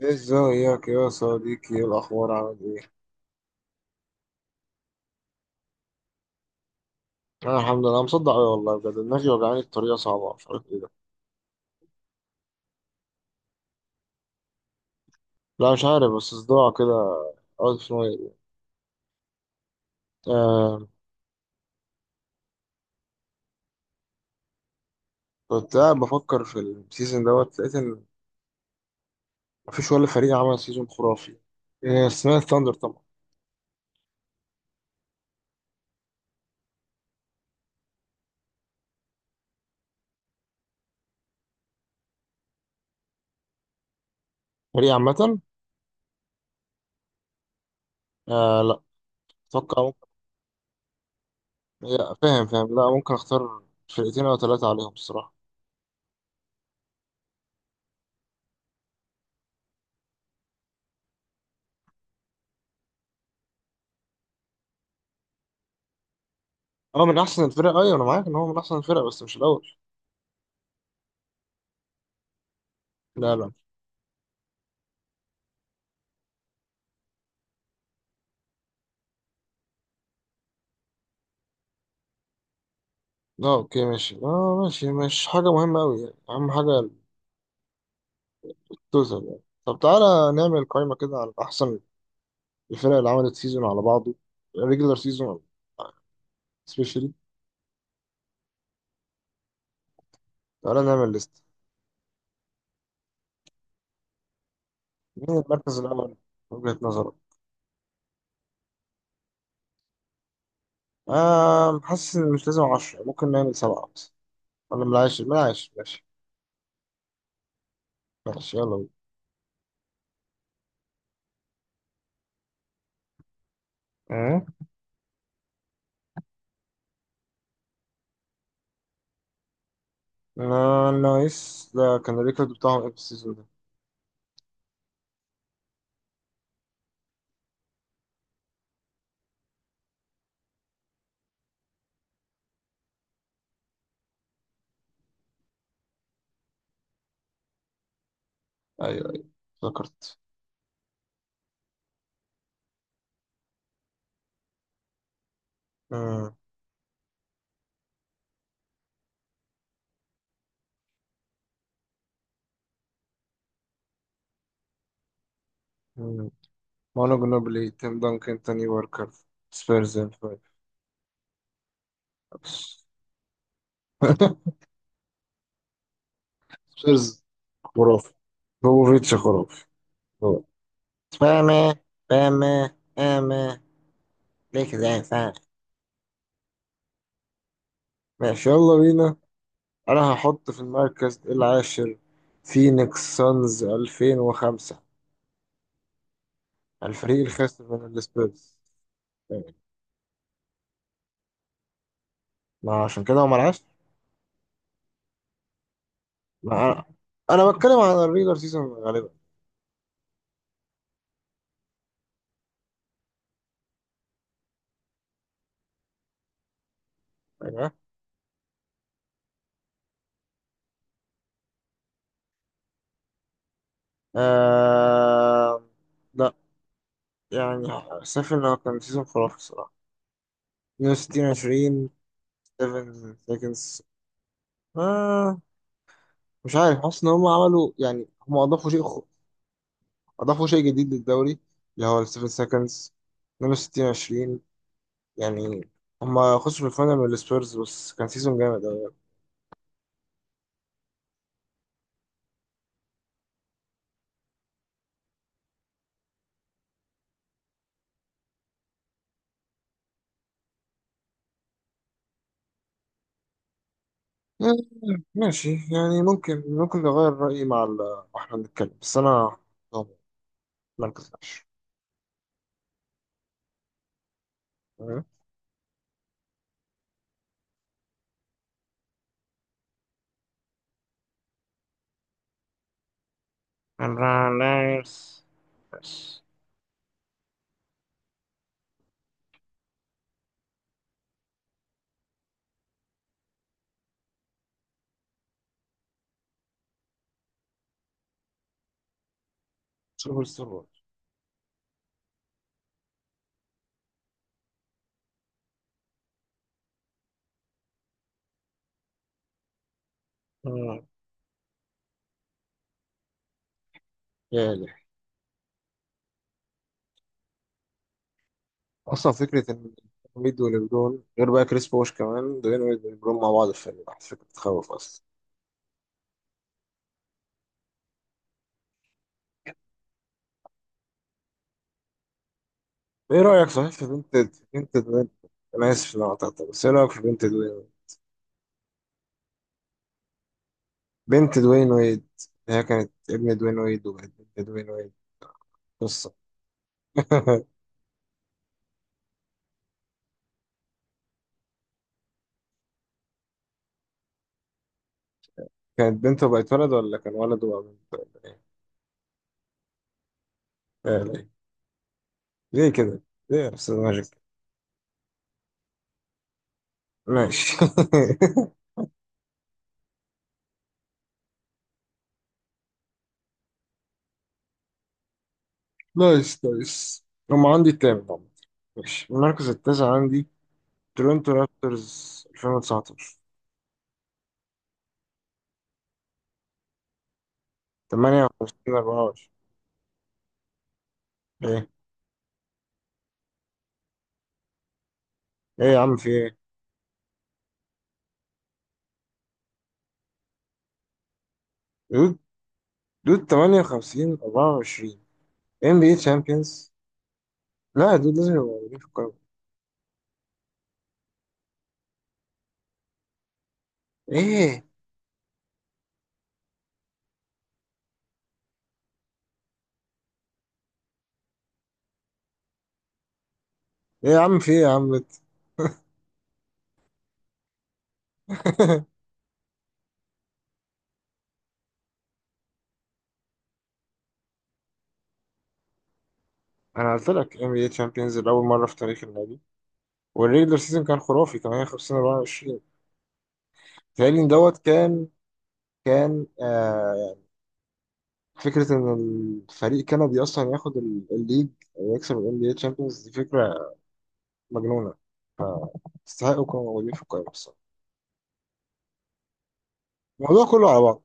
إيه، ازيك يا صديقي؟ ايه الاخبار؟ عامل ايه؟ انا الحمد لله. أنا مصدع أوي والله بجد، دماغي وجعاني بطريقه صعبه، مش عارف ايه ده. لا، مش عارف، بس صداع كده. اوت اوف نوير. آه. كنت قاعد بفكر في السيزون دوت لقيت ان مفيش ولا فريق عمل سيزون خرافي. آه، سمعت ثاندر طبعا. فريق عامه. آه، لا. اتوقع ممكن. لا، فاهم فاهم، لا ممكن اختار فرقتين او ثلاثه عليهم الصراحه. هو من احسن الفرق، ايوه انا معاك ان هو من احسن الفرق بس مش الاول. لا لا. اه، اوكي ماشي، اه، ماشي، مش حاجة مهمة أوي يعني، أهم حاجة توصل يعني. طب تعالى نعمل قائمة كده على أحسن الفرق اللي عملت سيزون على بعضه، ريجولار سيزون سبيشالي. تعالى نعمل ليست. مين المركز الأول من وجهة نظرك؟ آه، حاسس إن مش لازم عشرة، ممكن نعمل سبعة بس. ولا بلاش، بلاش، ماشي. ماشي يلا بينا. آه. آه، نايس، ده كان الريكورد بتاعهم إيه في السيزون ده؟ أيوه أيوه، افتكرت. آه. مانو جنوبلي، تيم دانكن، تاني واركر. سبيرز إن فايف. سبيرز. خرافي. بوفيتش خرافي. هو. فاهمة، فاهمة، فاهمة. ليك زي فاهم. ماشي يلا بينا. انا هحط في المركز العاشر. فينيكس سانز 2005. الفريق الخاسر من السبيرز. ما عشان كده هم العاشر. ما انا بتكلم عن الريجر سيزون غالبا. أيوة. آه... لا، يعني شايف إنه كان سيزون خرافي الصراحة. 62-20. 7 seconds. آه، مش عارف، حاسس إن هم عملوا يعني هم أضافوا شيء جديد للدوري، اللي هو ال 7 seconds. 62-20. يعني هم خسروا في الفاينل من السبيرز بس كان سيزون جامد أوي. آه، ماشي، يعني ممكن نغير رأيي مع واحنا بنتكلم، بس أنا ما انكسرش. تمام؟ أنا نايس بس. سوبر ستار وورز. مم. يا إلهي. اصلا فكره ان ميد وليبرون، غير بقى كريس بوش كمان، دوين ويد وليبرون مع بعض في الفريق واحد، فكره تخوف اصلا. ايه رايك صحيح في بنت، بنت دوين. انا اسف ان انا قطعتك بس ايه رايك في بنت دوين ويد؟ بنت دوين ويد. هي كانت ابن دوين ويد وبقت بنت دوين ويد. قصه. كانت بنت وبقت ولد، ولا كان ولد وبقى بنت، ولا ايه؟ آه، ليه؟ ليه كده؟ ليه يا استاذ ماجيك؟ ماشي. نايس، نايس. هم عندي التامن عامة. ماشي، المركز التاسع عندي. تورنتو رابترز 2019. 58-24. ايه؟ ايه يا عم؟ في ايه؟ دود، دود، 58-24. ام بي اي تشامبيونز. لا يا دود، لازم يبقوا موجودين في القائمة. ايه؟ ايه يا عم؟ في ايه يا عم انت؟ انا قلت لك ام بي اي تشامبيونز لاول مرة في تاريخ النادي. والريجلر سيزون كان خرافي 58-24. تهيألي إن دوت كان، فكرة إن الفريق كندي أصلا ياخد الليج، ويكسب ال NBA Champions، دي فكرة مجنونة، فاستحقوا يكونوا موجودين في القائمة الصراحة. الموضوع كله على بعض.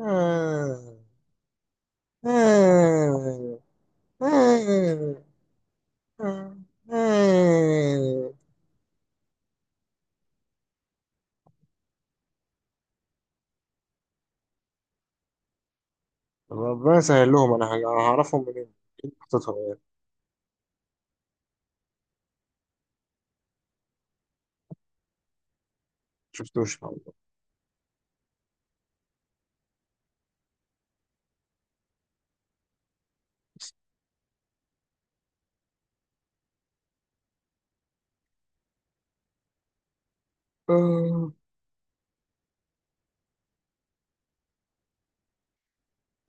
آه، آه، آه، آه، آه. ربنا يسهل لهم. انا هعرفهم منين؟ أكيد حطيتهم يعني. شفتوش الحمد لله.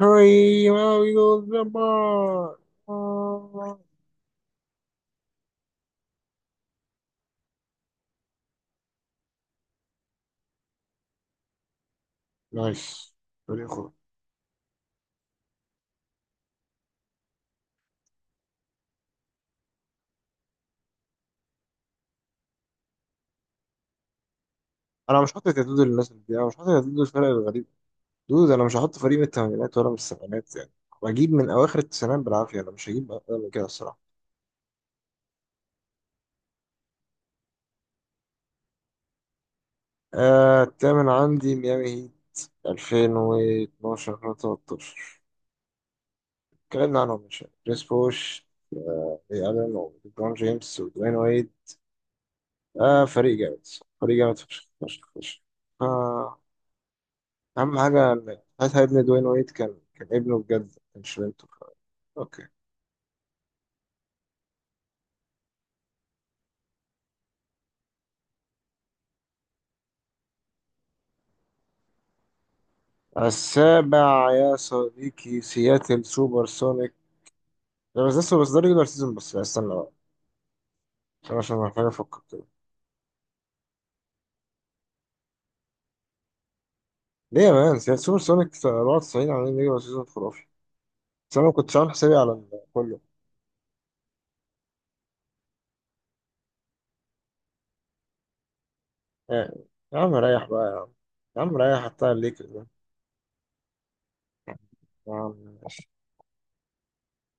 هاي هاي. نايس. فريق خرافي. انا مش حاطط يدود للناس دي، انا مش حاطط يدود للفرق الغريب. دود، انا مش هحط فريق من الثمانينات ولا من السبعينات يعني، واجيب من اواخر التسعينات بالعافيه، انا مش هجيب اقل من كده الصراحه. آه، التامن عندي ميامي هيت 2012 2013. اتكلمنا عنهم من شويه، كريس بوش، الين وبرون جيمس ودوين ويد. آه، فريق جامد. فريق جامد فشخ فشخ فشخ. آه. اهم حاجه ان ساعتها ابن دوين ويد كان ابنه بجد مش بنته. اوكي. السابع يا صديقي، سياتل سوبر سونيكس. لا بس لسه، بس ده ريجولار سيزون بس، يعني استنى بقى، عشان محتاج افكر كده. ليه يا مان؟ سوبر سونيك 94 عاملين ريجولار سيزون خرافي، بس انا ما كنتش عامل حسابي على كله يعني. يا عم ريح بقى يا عم، يا عم ريح حتى الليكرز ده